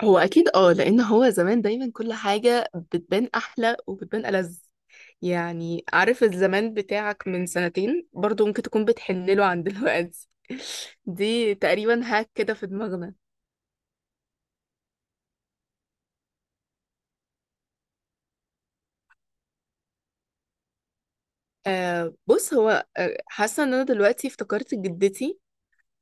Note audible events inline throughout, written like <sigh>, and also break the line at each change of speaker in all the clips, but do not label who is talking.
هو اكيد، لان هو زمان دايما كل حاجه بتبان احلى وبتبان ألذ. يعني عارف، الزمان بتاعك من سنتين برضو ممكن تكون بتحنله عن دلوقتي. <laughs> دي تقريبا هاك كده في دماغنا. آه، بص، هو حاسه ان انا دلوقتي افتكرت جدتي.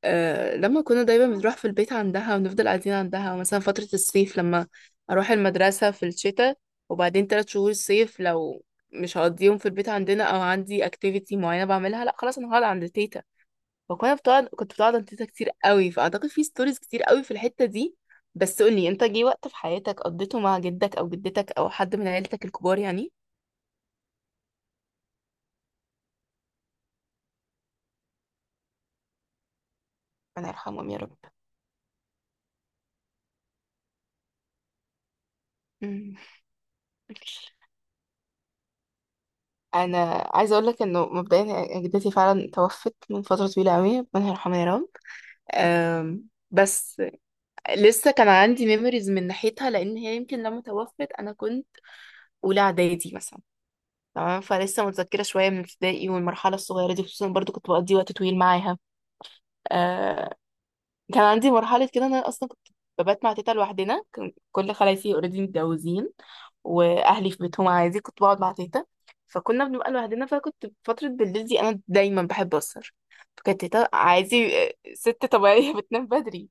آه، لما كنا دايما بنروح في البيت عندها ونفضل قاعدين عندها مثلا فترة الصيف، لما أروح المدرسة في الشتاء وبعدين تلات شهور صيف. لو مش هقضيهم في البيت عندنا أو عندي activity معينة بعملها، لأ خلاص أنا هقعد عند تيتا. فكنا بتقعد كنت بتقعد عند تيتا كتير قوي، فأعتقد في ستوريز كتير قوي في الحتة دي. بس قولي، أنت جه وقت في حياتك قضيته مع جدك أو جدتك أو حد من عيلتك الكبار يعني؟ ربنا يرحمهم يا رب. مم. انا عايزه اقول لك انه مبدئيا جدتي فعلا توفت من فتره طويله قوي، ربنا يرحمها يا رب. بس لسه كان عندي ميموريز من ناحيتها، لان هي يمكن لما توفت انا كنت اولى اعدادي مثلا. تمام، فلسه متذكره شويه من ابتدائي والمرحله الصغيره دي، خصوصا برضو كنت بقضي وقت طويل معاها. آه، كان عندي مرحلة كده إن أنا أصلا كنت ببات مع تيتا لوحدنا. كان كل خلايفي اوريدي متجوزين، وأهلي في بيتهم عادي كنت بقعد مع تيتا. فكنا بنبقى لوحدنا، فكنت فترة بالليل دي أنا دايما بحب أسهر. فكانت تيتا عادي ست طبيعية <laughs> بتنام بدري.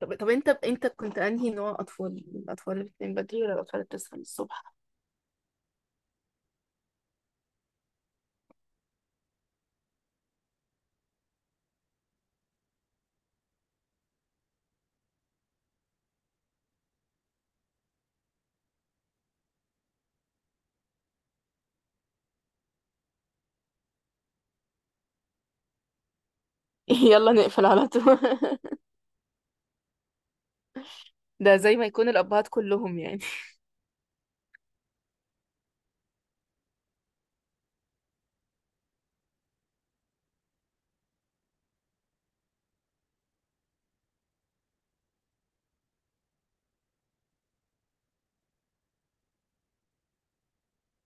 طب أنت كنت أنهي نوع أطفال، الأطفال اللي بتنام بدري ولا الأطفال اللي بتصحى الصبح؟ <laughs> يلا نقفل على طول. <laughs> ده زي ما يكون الأبهات كلهم يعني.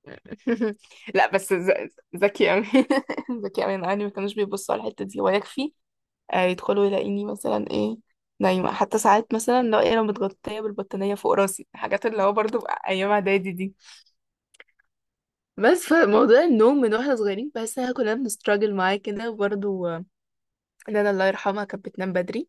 <laughs> لا، بس ذكي قوي. <laughs> ذكي قوي، انا اهلي ما كانوش بيبصوا على الحته دي ويكفي. يدخلوا يلاقيني مثلا ايه، نايمه. حتى ساعات مثلا لو ايه، لو متغطيه بالبطانيه فوق راسي، الحاجات اللي هو برضو ايام اعدادي دي. بس فموضوع النوم، من واحنا صغيرين بحس ان احنا كلنا بنستراجل معاه كده، وبرضو ان انا الله يرحمها كانت بتنام بدري.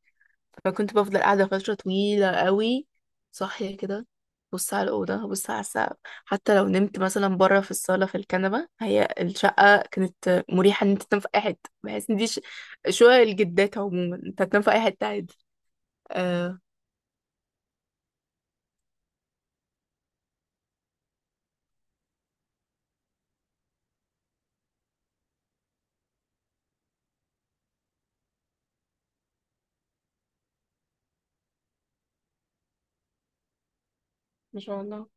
فكنت بفضل قاعدة فترة طويلة قوي، صاحية كده، بص على الأوضة بص على السقف. حتى لو نمت مثلا بره في الصالة في الكنبة، هي الشقة كانت مريحة إن أنت تنام في أي حتة. بحس إن دي شقق الجدات. عموما أنت هتنام في أي حتة عادي. آه، ما شاء الله.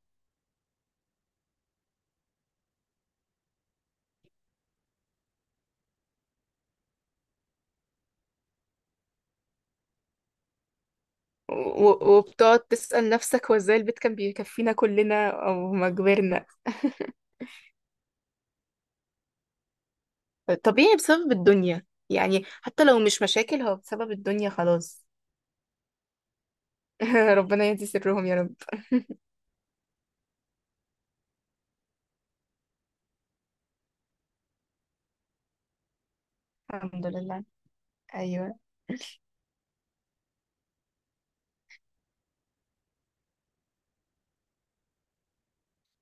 وبتقعد تسأل نفسك، هو ازاي البيت كان بيكفينا كلنا أو ما كبرنا؟ <laughs> طبيعي بسبب الدنيا يعني، حتى لو مش مشاكل هو بسبب الدنيا خلاص. <laughs> ربنا يهدي سرهم يا رب. الحمد لله. ايوه.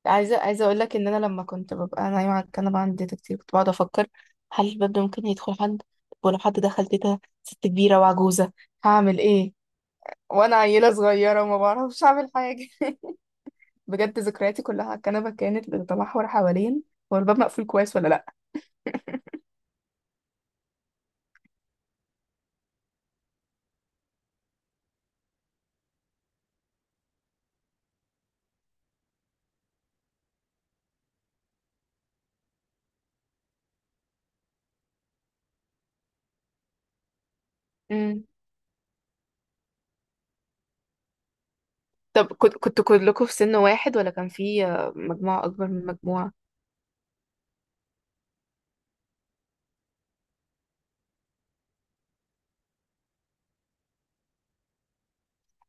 عايزه اقول لك ان انا لما كنت ببقى نايمه على الكنبه عندي تيتا كتير، كنت بقعد افكر، هل الباب ده ممكن يدخل حد؟ طب ولو حد دخل تيتا ست كبيره وعجوزه، هعمل ايه؟ وانا عيله صغيره وما بعرفش اعمل حاجه. <laughs> بجد ذكرياتي كلها على الكنبه كانت بتتمحور حوالين هو الباب مقفول كويس ولا لا. امم طب كنتوا كلكم في سن واحد، ولا كان في مجموعه اكبر من مجموعه؟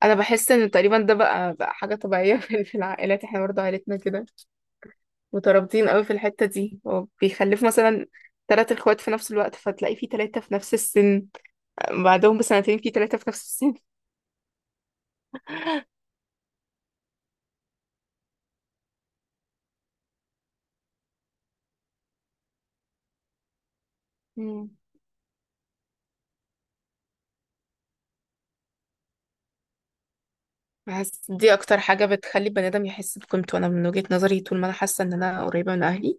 انا بحس ان تقريبا ده بقى حاجه طبيعيه <laughs> في العائلات. احنا برضه عائلتنا كده، مترابطين قوي في الحتة دي. هو بيخلف مثلا تلات اخوات في نفس الوقت، فتلاقي في تلاتة في نفس السن، بعدهم بسنتين في تلاتة في نفس السن. مم. بحس دي اكتر حاجة بتخلي البني ادم يحس بقيمته. انا من وجهة نظري، طول ما انا حاسة ان انا قريبة من اهلي،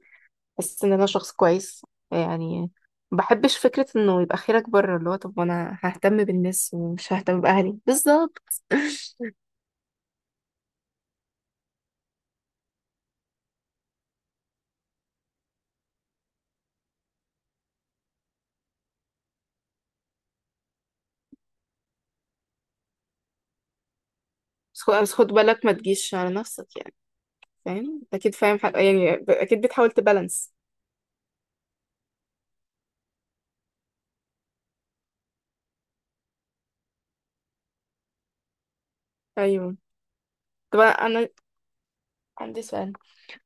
بحس ان انا شخص كويس يعني. ما بحبش فكرة انه يبقى خيرك بره، اللي هو طب انا ههتم بالناس ومش ههتم باهلي، بالظبط. <laughs> بس خد بالك ما تجيش على نفسك يعني. فاهم، اكيد فاهم حاجة يعني، اكيد بتحاول تبالانس. ايوه. طب انا، أنا عندي سؤال.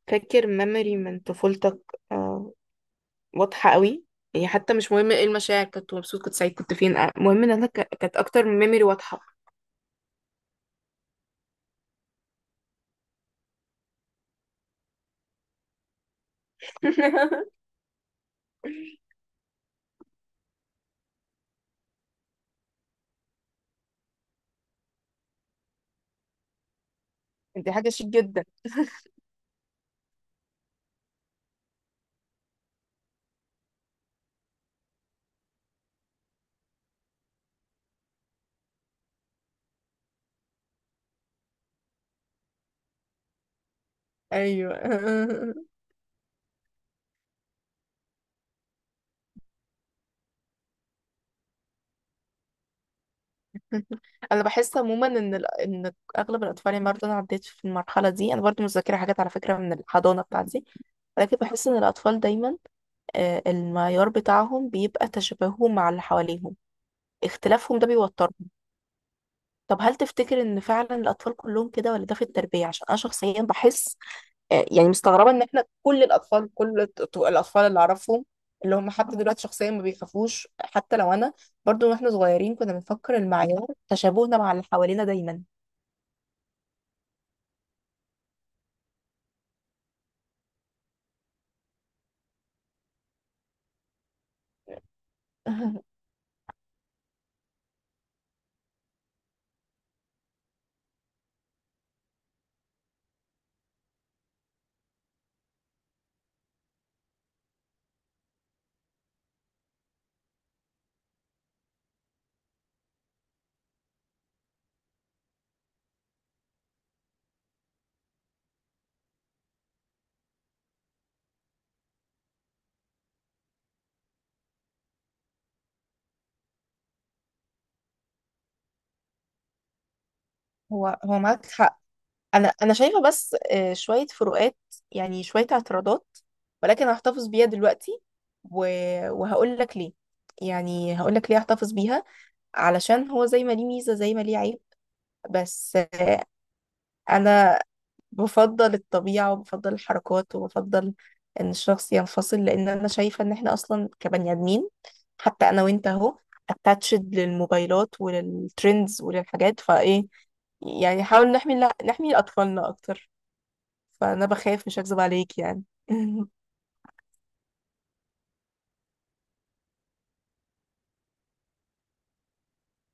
فاكر ميموري من طفولتك، آه، واضحة قوي؟ يعني حتى مش مهم ايه المشاعر، كنت مبسوط كنت سعيد كنت فين، المهم ان انا كانت اكتر من ميموري واضحة. <laughs> دي حاجة شيك جدا. ايوه. <laughs> انا بحس عموما ان ان اغلب الاطفال يعني، برضه انا عديت في المرحلة دي انا برضه متذكرة حاجات على فكرة من الحضانة بتاعتي. لكن بحس ان الاطفال دايما المعيار بتاعهم بيبقى تشابههم مع اللي حواليهم، اختلافهم ده بيوترهم. طب هل تفتكر ان فعلا الاطفال كلهم كده، ولا ده في التربيه؟ عشان انا شخصيا بحس يعني مستغربه ان احنا كل الاطفال كل الاطفال اللي اعرفهم، اللي هم حتى دلوقتي شخصيا ما بيخافوش. حتى لو انا برضو واحنا صغيرين كنا بنفكر المعيار تشابهنا مع اللي حوالينا دايما. <laughs> هو معاك حق. انا شايفه، بس شويه فروقات يعني، شويه اعتراضات، ولكن هحتفظ بيها دلوقتي. و... وهقول لك ليه، يعني هقول لك ليه احتفظ بيها، علشان هو زي ما ليه ميزه زي ما ليه عيب. بس انا بفضل الطبيعة وبفضل الحركات وبفضل ان الشخص ينفصل، لان انا شايفة ان احنا اصلا كبني ادمين، حتى انا وانت اهو اتاتشد للموبايلات وللترندز وللحاجات، فايه يعني، حاول نحمي لا نحمي اطفالنا اكتر. فانا بخاف مش هكذب عليك يعني. <laughs>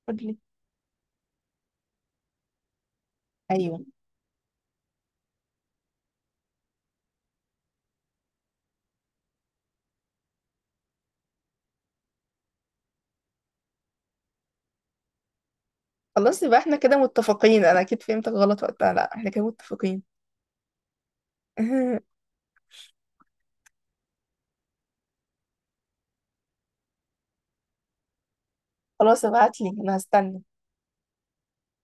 قولي. ايوه. خلاص يبقى احنا كده متفقين، انا اكيد فهمتك غلط وقتها، لا احنا كده متفقين. <laughs> خلاص ابعتلي انا هستنى.